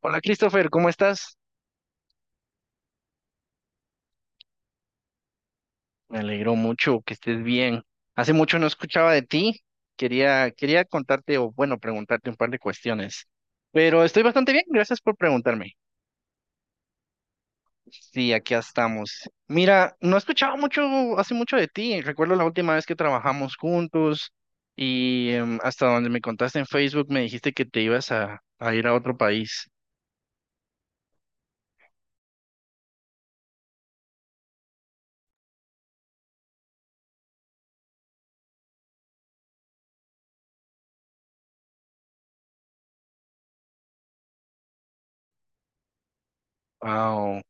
Hola Christopher, ¿cómo estás? Me alegro mucho que estés bien. Hace mucho no escuchaba de ti. Quería contarte o bueno, preguntarte un par de cuestiones. Pero estoy bastante bien, gracias por preguntarme. Sí, aquí estamos. Mira, no escuchaba mucho, hace mucho de ti. Recuerdo la última vez que trabajamos juntos y hasta donde me contaste en Facebook me dijiste que te ibas a ir a otro país. Wow.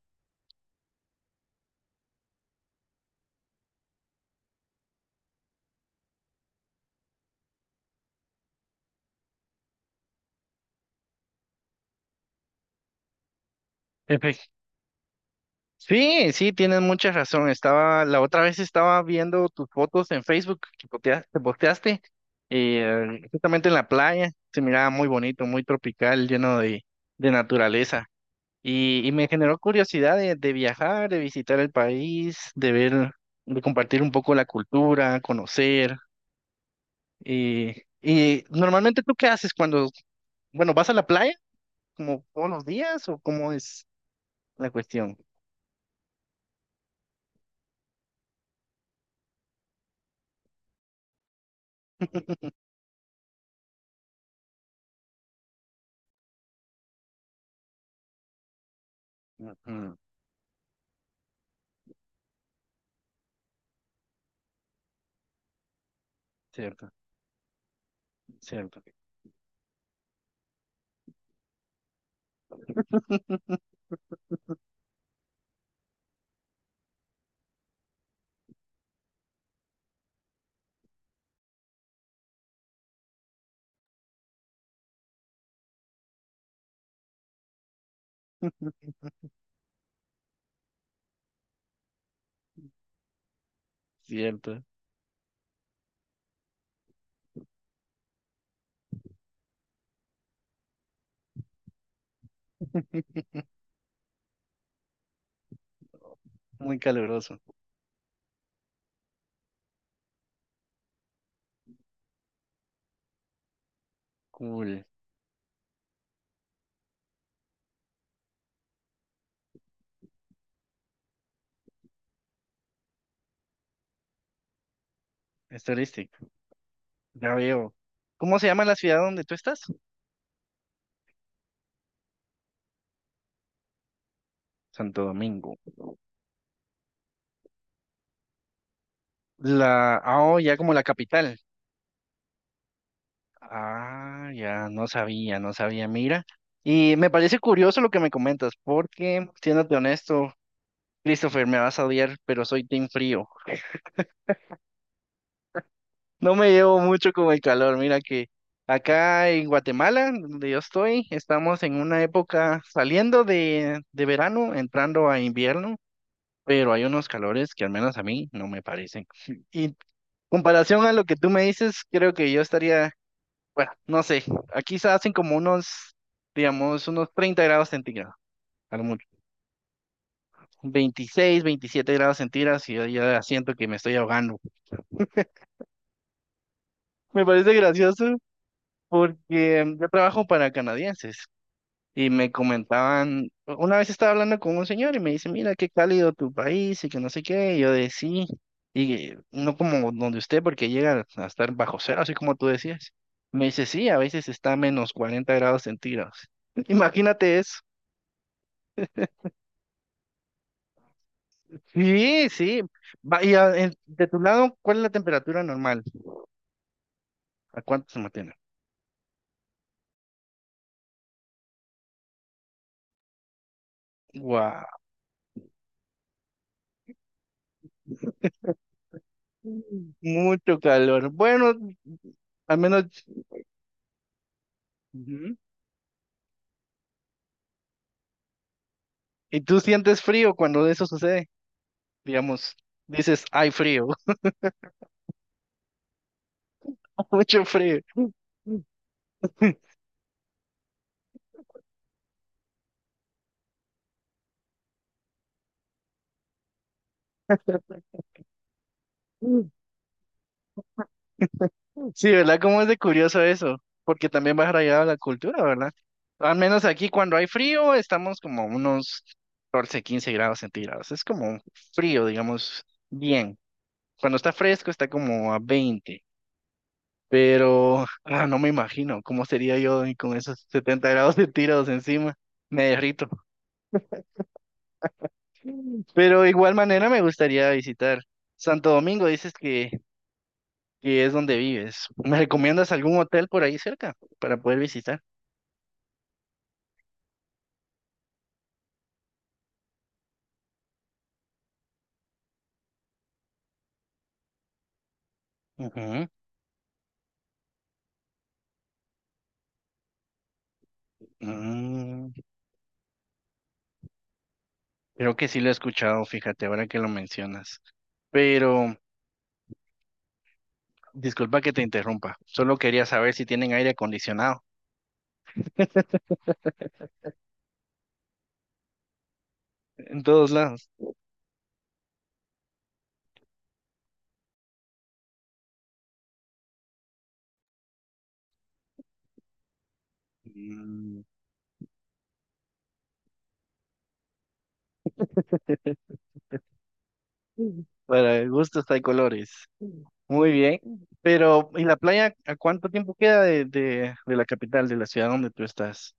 Sí, sí, tienes mucha razón. Estaba, la otra vez estaba viendo tus fotos en Facebook que te posteaste, y justamente en la playa, se miraba muy bonito, muy tropical, lleno de naturaleza. Y me generó curiosidad de viajar, de visitar el país, de ver, de compartir un poco la cultura, conocer. Y, y normalmente, ¿tú qué haces cuando, bueno, vas a la playa como todos los días o cómo es la cuestión? Ujú, cierto, cierto. Cierto. Muy caluroso. Cool. Es turístico. Ya veo. ¿Cómo se llama la ciudad donde tú estás? Santo Domingo. Ah, oh, ya como la capital. Ah, ya no sabía, no sabía, mira. Y me parece curioso lo que me comentas, porque, siéndote honesto, Christopher, me vas a odiar, pero soy team frío. No me llevo mucho con el calor. Mira que acá en Guatemala, donde yo estoy, estamos en una época saliendo de verano, entrando a invierno. Pero hay unos calores que al menos a mí no me parecen. Y comparación a lo que tú me dices, creo que yo estaría, bueno, no sé, aquí se hacen como unos, digamos, unos 30 grados centígrados, a lo mucho. 26 27 grados centígrados y yo ya siento que me estoy ahogando. Me parece gracioso porque yo trabajo para canadienses. Y me comentaban, una vez estaba hablando con un señor y me dice, mira, qué cálido tu país y que no sé qué. Y yo de sí, y no como donde usted, porque llega a estar bajo cero, así como tú decías. Me dice, sí, a veces está a -40 grados centígrados. Imagínate eso. Sí, sí. De tu lado, ¿cuál es la temperatura normal? ¿A cuánto se mantiene? Wow, mucho calor. Bueno, al menos. Ujú. ¿Y tú sientes frío cuando eso sucede? Digamos, dices, hay frío, mucho frío. Sí, ¿verdad? ¿Cómo es de curioso eso? Porque también va arraigado a la cultura, ¿verdad? Al menos aquí cuando hay frío estamos como a unos 14 15 grados centígrados. Es como frío, digamos, bien. Cuando está fresco está como a 20, pero ah, no me imagino cómo sería yo con esos 70 grados centígrados encima. Me derrito. Pero de igual manera me gustaría visitar. Santo Domingo, dices que es donde vives. ¿Me recomiendas algún hotel por ahí cerca para poder visitar? Ujú. Mm, creo que sí lo he escuchado, fíjate, ahora que lo mencionas. Pero disculpa que te interrumpa, solo quería saber si tienen aire acondicionado en todos lados. Mm, para gustos hay colores. Muy bien, pero ¿y la playa a cuánto tiempo queda de la capital, de la ciudad donde tú estás?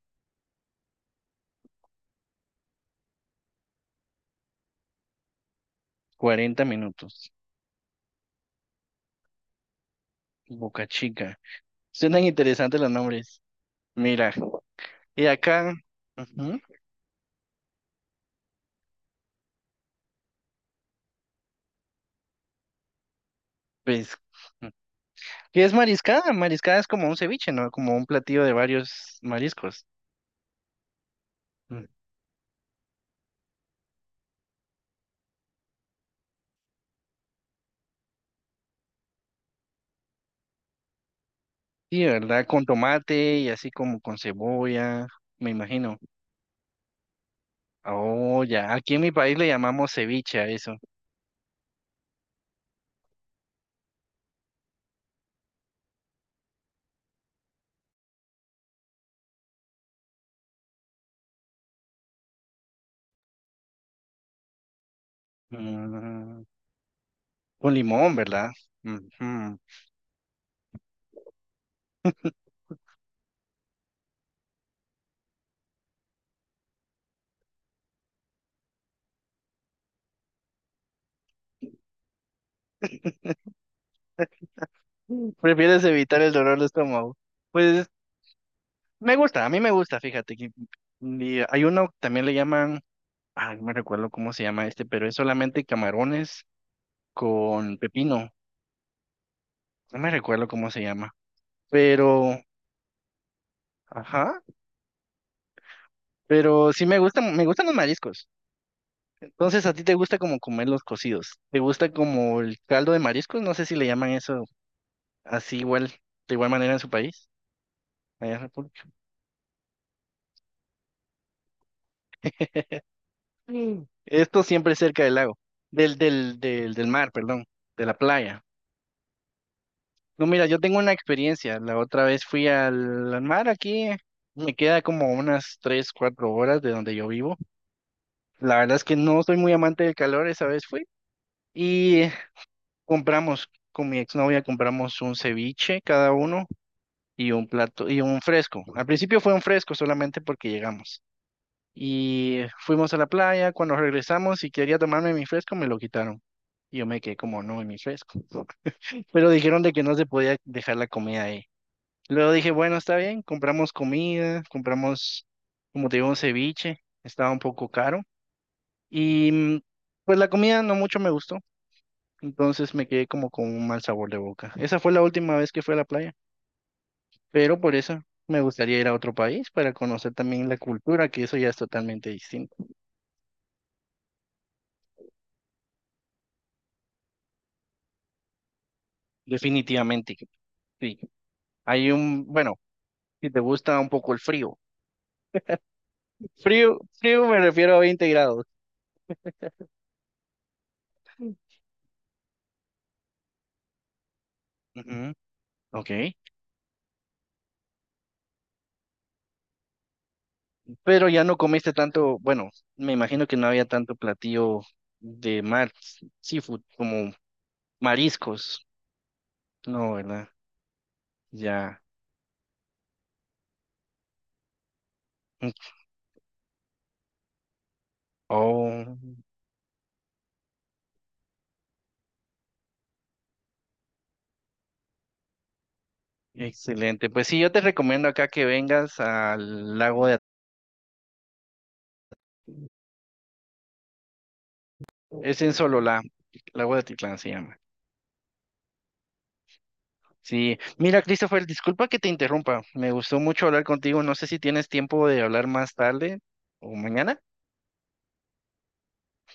40 minutos. Boca Chica. Suenan interesantes los nombres. Mira, y acá, ujú, pues, ¿qué es mariscada? Mariscada es como un ceviche, ¿no? Como un platillo de varios mariscos. Mm. Sí, ¿verdad? Con tomate y así como con cebolla, me imagino. Oh, ya. Aquí en mi país le llamamos ceviche a eso. Mm, con limón, ¿verdad? Ujú. Mm, prefieres evitar el dolor de estómago. Pues me gusta, a mí me gusta, fíjate que mm, y hay uno, también le llaman, ay, no me recuerdo cómo se llama este, pero es solamente camarones con pepino. No me recuerdo cómo se llama. Pero, ajá. Pero sí me gustan los mariscos. Entonces, ¿a ti te gusta como comer los cocidos? ¿Te gusta como el caldo de mariscos? No sé si le llaman eso así igual, de igual manera en su país, allá en República. Mm. Esto siempre cerca del lago, del mar, perdón, de la playa. No, mira, yo tengo una experiencia. La otra vez fui al mar aquí. Me queda como unas 3, 4 horas de donde yo vivo. La verdad es que no soy muy amante del calor, esa vez fui. Y compramos, con mi exnovia compramos un ceviche cada uno y un plato y un fresco. Al principio fue un fresco solamente porque llegamos. Y fuimos a la playa, cuando regresamos y quería tomarme mi fresco, me lo quitaron. Y yo me quedé como, no, en mi fresco. Pero dijeron de que no se podía dejar la comida ahí. Luego dije, bueno, está bien, compramos comida, compramos, como te digo, un ceviche, estaba un poco caro. Y mm, pues la comida no mucho me gustó. Entonces me quedé como con un mal sabor de boca. Esa fue la última vez que fui a la playa, pero por eso me gustaría ir a otro país para conocer también la cultura, que eso ya es totalmente distinto. Definitivamente, sí. Hay un, bueno, si te gusta un poco el frío. Frío, frío me refiero a 20 grados. Ujú, ok. Pero ya no comiste tanto, bueno, me imagino que no había tanto platillo de mar, seafood, como mariscos. No, ¿verdad? Ya. Mm, oh. Excelente. Pues sí, yo te recomiendo acá que vengas al lago de es en Sololá, lago de Atitlán se llama. Sí, mira, Christopher, disculpa que te interrumpa. Me gustó mucho hablar contigo. No sé si tienes tiempo de hablar más tarde o mañana,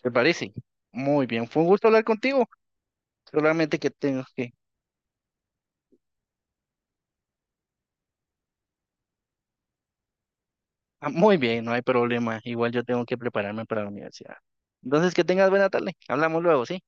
¿te parece? Muy bien, fue un gusto hablar contigo. Solamente que tengo que. Ah, muy bien, no hay problema. Igual yo tengo que prepararme para la universidad. Entonces, que tengas buena tarde. Hablamos luego, ¿sí?